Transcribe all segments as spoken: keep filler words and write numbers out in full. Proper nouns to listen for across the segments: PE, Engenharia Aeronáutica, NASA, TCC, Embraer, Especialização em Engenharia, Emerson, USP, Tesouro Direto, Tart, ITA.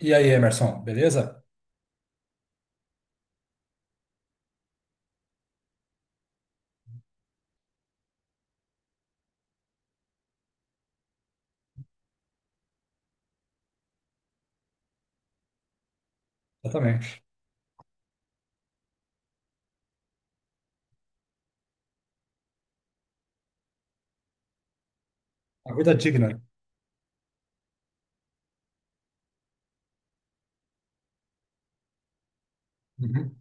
E aí, Emerson, beleza? Exatamente. Uma vida é digna. Uhum.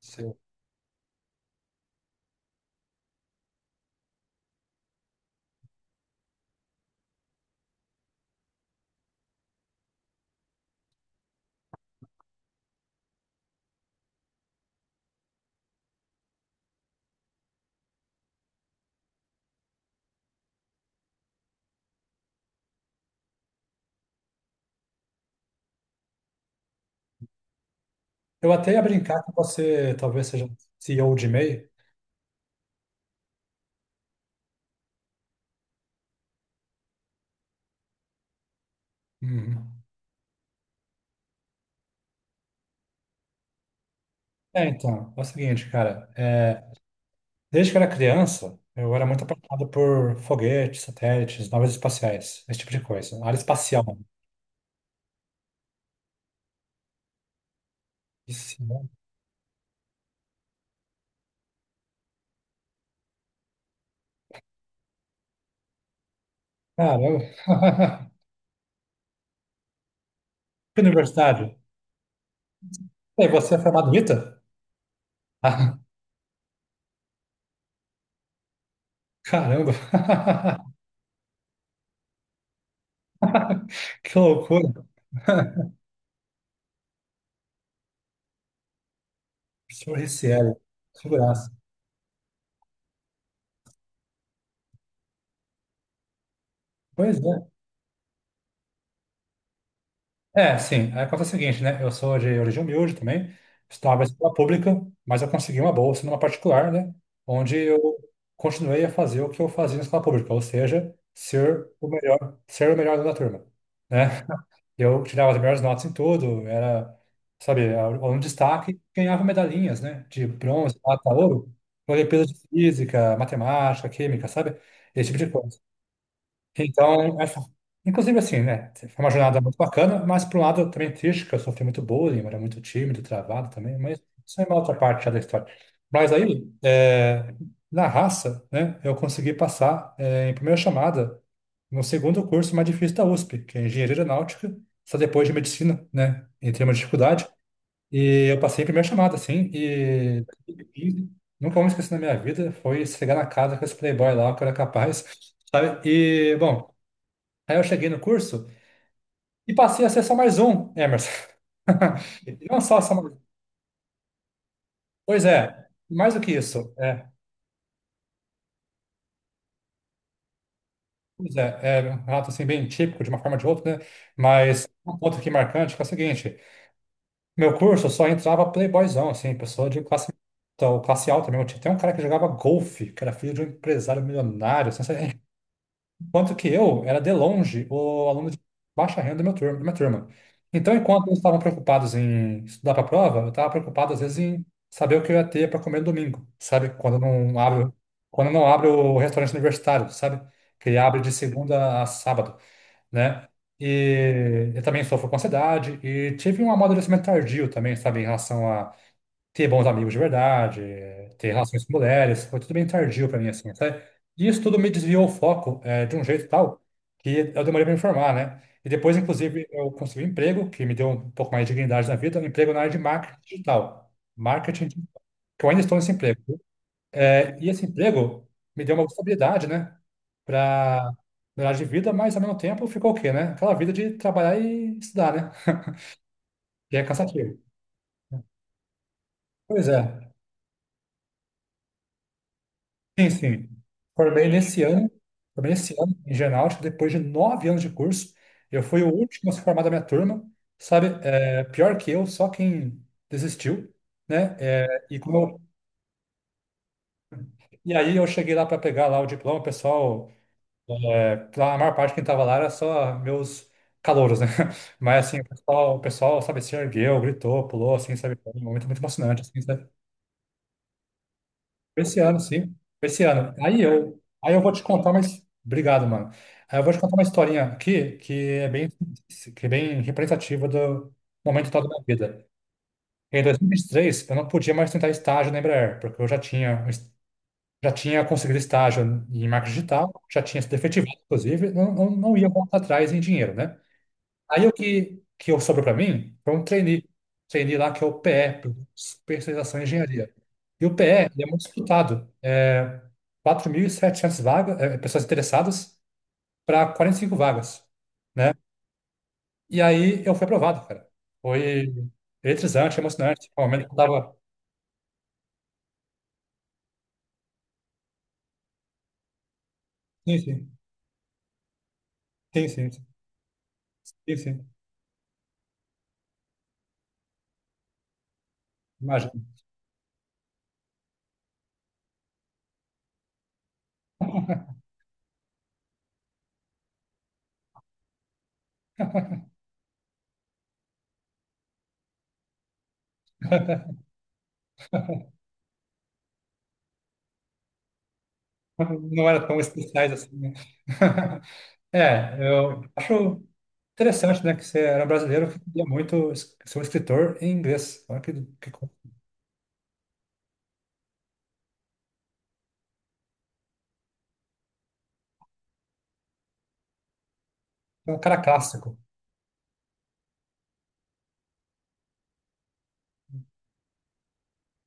Seu. Eu até ia brincar que você talvez seja C E O de MEI. Uhum. É, então, é o seguinte, cara. É, desde que eu era criança, eu era muito apaixonado por foguetes, satélites, naves espaciais, esse tipo de coisa. Área espacial. Isso, né? Caramba. Que universidade. E você é formado em ITA? Ah, caramba. Que loucura. Professor R C L. Que graça. Pois é. É, sim. Aí acontece o seguinte, né? Eu sou de origem humilde também, estava em escola pública, mas eu consegui uma bolsa numa particular, né? Onde eu continuei a fazer o que eu fazia na escola pública, ou seja, ser o melhor, ser o melhor aluno da turma, né? Eu tirava as melhores notas em tudo, era, sabe, aluno de destaque, ganhava medalhinhas, né? De bronze, prata, ouro, olimpíadas de física, matemática, química, sabe? Esse tipo de coisa. Então, é, fo- inclusive assim, né? Foi uma jornada muito bacana, mas por um lado também triste, que eu sofri muito bullying, eu era muito tímido, travado também, mas isso é uma outra parte já da história. Mas aí, é, na raça, né, eu consegui passar, é, em primeira chamada no segundo curso mais difícil da USP, que é Engenharia Aeronáutica, só depois de Medicina, né? Em termos de dificuldade. E eu passei em primeira chamada, assim, e e nunca vou me esquecer na minha vida, foi chegar na casa com esse playboy lá, que eu era capaz, sabe? E, bom, aí eu cheguei no curso e passei a ser só mais um, Emerson. E não só só mais um. Pois é, mais do que isso. É, pois é, é um relato assim bem típico, de uma forma ou de outra, né? Mas um ponto aqui marcante que é o seguinte, meu curso só entrava playboyzão, assim, pessoa de classe, então, classe alta mesmo. Tinha até um cara que jogava golfe, que era filho de um empresário milionário, assim. Enquanto que eu era de longe o aluno de baixa renda da minha turma. da minha turma. Então, enquanto eles estavam preocupados em estudar para a prova, eu estava preocupado, às vezes, em saber o que eu ia ter para comer no domingo, sabe? Quando não abre, quando não abre o restaurante universitário, sabe? Que ele abre de segunda a sábado, né? E eu também sofro com ansiedade e tive um amadurecimento tardio também, sabe? Em relação a ter bons amigos de verdade, eh, ter relações com mulheres, foi tudo bem tardio para mim, assim, sabe? E isso tudo me desviou o foco, eh, de um jeito tal que eu demorei para me formar, né? E depois, inclusive, eu consegui um emprego que me deu um pouco mais de dignidade na vida, um emprego na área de marketing digital. Marketing digital, que eu ainda estou nesse emprego, viu? Eh, e esse emprego me deu uma estabilidade, né? Para melhorar de vida, mas ao mesmo tempo ficou o quê, né? Aquela vida de trabalhar e estudar, né? Que é cansativo. Pois é. Sim, sim. Formei nesse ano, formei nesse ano em Genáutica, depois de nove anos de curso. Eu fui o último a se formar da minha turma, sabe? É, pior que eu, só quem desistiu, né? É, e, como eu- e aí eu cheguei lá para pegar lá o diploma, o pessoal, é, pra a maior parte quem estava lá era só meus calouros, né? Mas assim, o pessoal, o pessoal, sabe, se ergueu, gritou, pulou, assim, sabe? Foi um momento muito emocionante, assim, sabe? Esse ano, sim. Esse ano. Aí eu, aí eu vou te contar mas obrigado, mano. Aí eu vou te contar uma historinha aqui que é bem, que é bem representativa do momento atual da minha vida. Em dois mil e vinte e três eu não podia mais tentar estágio na Embraer, porque eu já tinha, já tinha, conseguido estágio em marketing digital, já tinha sido efetivado, inclusive, não, não, não ia voltar atrás em dinheiro, né? Aí o que, que eu sobrou para mim foi um trainee. Trainee lá que é o P E, Especialização em Engenharia. E o P E, ele é muito disputado. É quatro mil e setecentas vagas, é, pessoas interessadas para quarenta e cinco vagas, né? E aí eu fui aprovado, cara. Foi eletrizante, emocionante. Foi um momento que eu tava. Sim, sim. Sim, sim. Sim, sim. Imagina. Não era tão especiais assim, né? É, eu acho interessante, né, que você era um brasileiro que queria muito es- ser um escritor em inglês. Olha que, que co- é um cara clássico.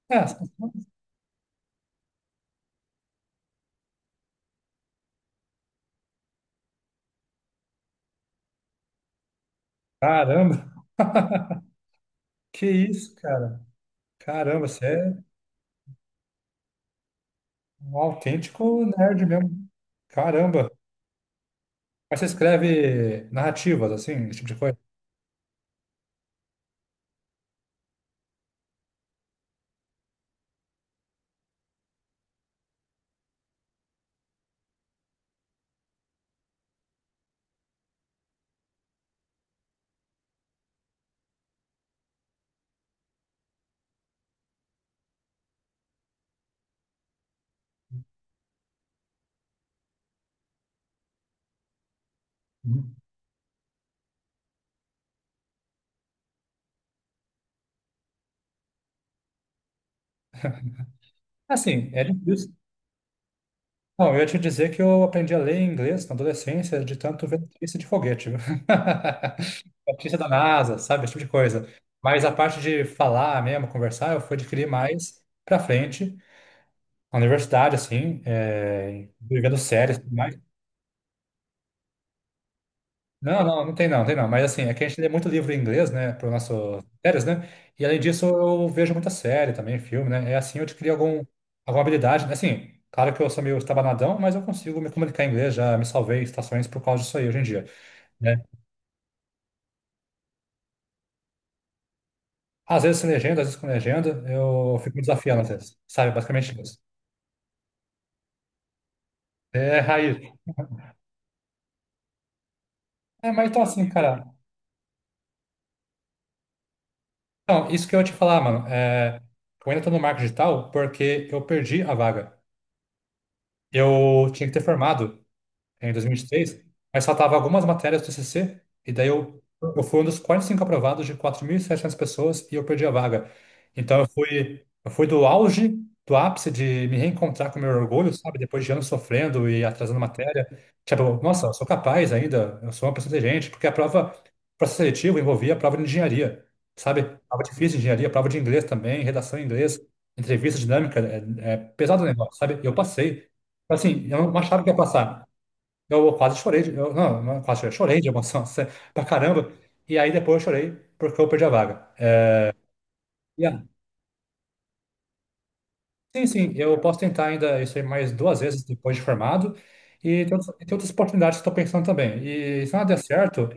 É, as pessoas. Caramba! Que isso, cara? Caramba, você é um autêntico nerd mesmo. Caramba! Mas você escreve narrativas, assim, esse tipo de coisa? Uhum. Assim, é difícil. Não, eu ia te dizer que eu aprendi a ler inglês na adolescência de tanto ver notícia de foguete, viu? Artista da NASA, sabe? Esse tipo de coisa. Mas a parte de falar mesmo, conversar, eu fui adquirir mais pra frente, na universidade, assim, é, vivendo séries e tudo mais. Não, não, não tem não, tem não. Mas assim, é que a gente lê muito livro em inglês, né, para nosso séries, né? E além disso, eu vejo muita série também, filme, né? É assim, eu adquiri algum, alguma habilidade, né? Assim, claro que eu sou meio estabanadão, mas eu consigo me comunicar em inglês, já me salvei em estações por causa disso aí hoje em dia, né? Às vezes sem legenda, às vezes com legenda, eu fico me desafiando às vezes, sabe? Basicamente isso. É, raiz. É, mas então assim, cara. Então, isso que eu ia te falar, mano. É, eu ainda tô no marketing digital porque eu perdi a vaga. Eu tinha que ter formado em dois mil e vinte e três, mas faltava algumas matérias do T C C, e daí eu, eu fui um dos quarenta e cinco aprovados de quatro mil e setecentas pessoas e eu perdi a vaga. Então eu fui, eu fui do auge, do ápice de me reencontrar com o meu orgulho, sabe? Depois de anos sofrendo e atrasando matéria. Tipo, nossa, eu sou capaz ainda, eu sou uma pessoa inteligente, porque a prova, o processo seletivo envolvia a prova de engenharia, sabe? Prova difícil de engenharia, prova de inglês também, redação em inglês, entrevista dinâmica, é, é pesado o negócio, sabe? E eu passei. Então, assim, eu não achava que ia passar. Eu quase chorei, de- eu, não, não quase chorei, chorei de emoção, sé- pra caramba. E aí depois eu chorei porque eu perdi a vaga. É, e sim, sim, eu posso tentar ainda isso aí mais duas vezes depois de formado. E tem, outras- tem outras oportunidades que estou pensando também. E se nada der certo,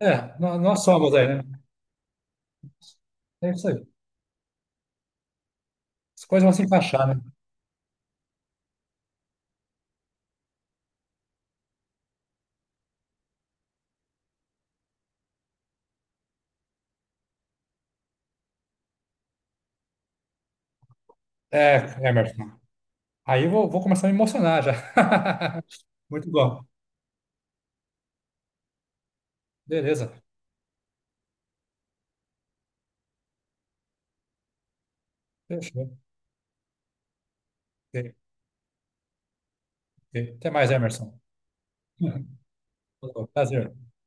é, nó- nós somos aí, né? É isso aí. As coisas vão se encaixar, né? É, Emerson. Aí eu vou, vou começar a me emocionar já. Muito bom. Beleza. Fechou. OK, OK. Até mais, Emerson. Prazer.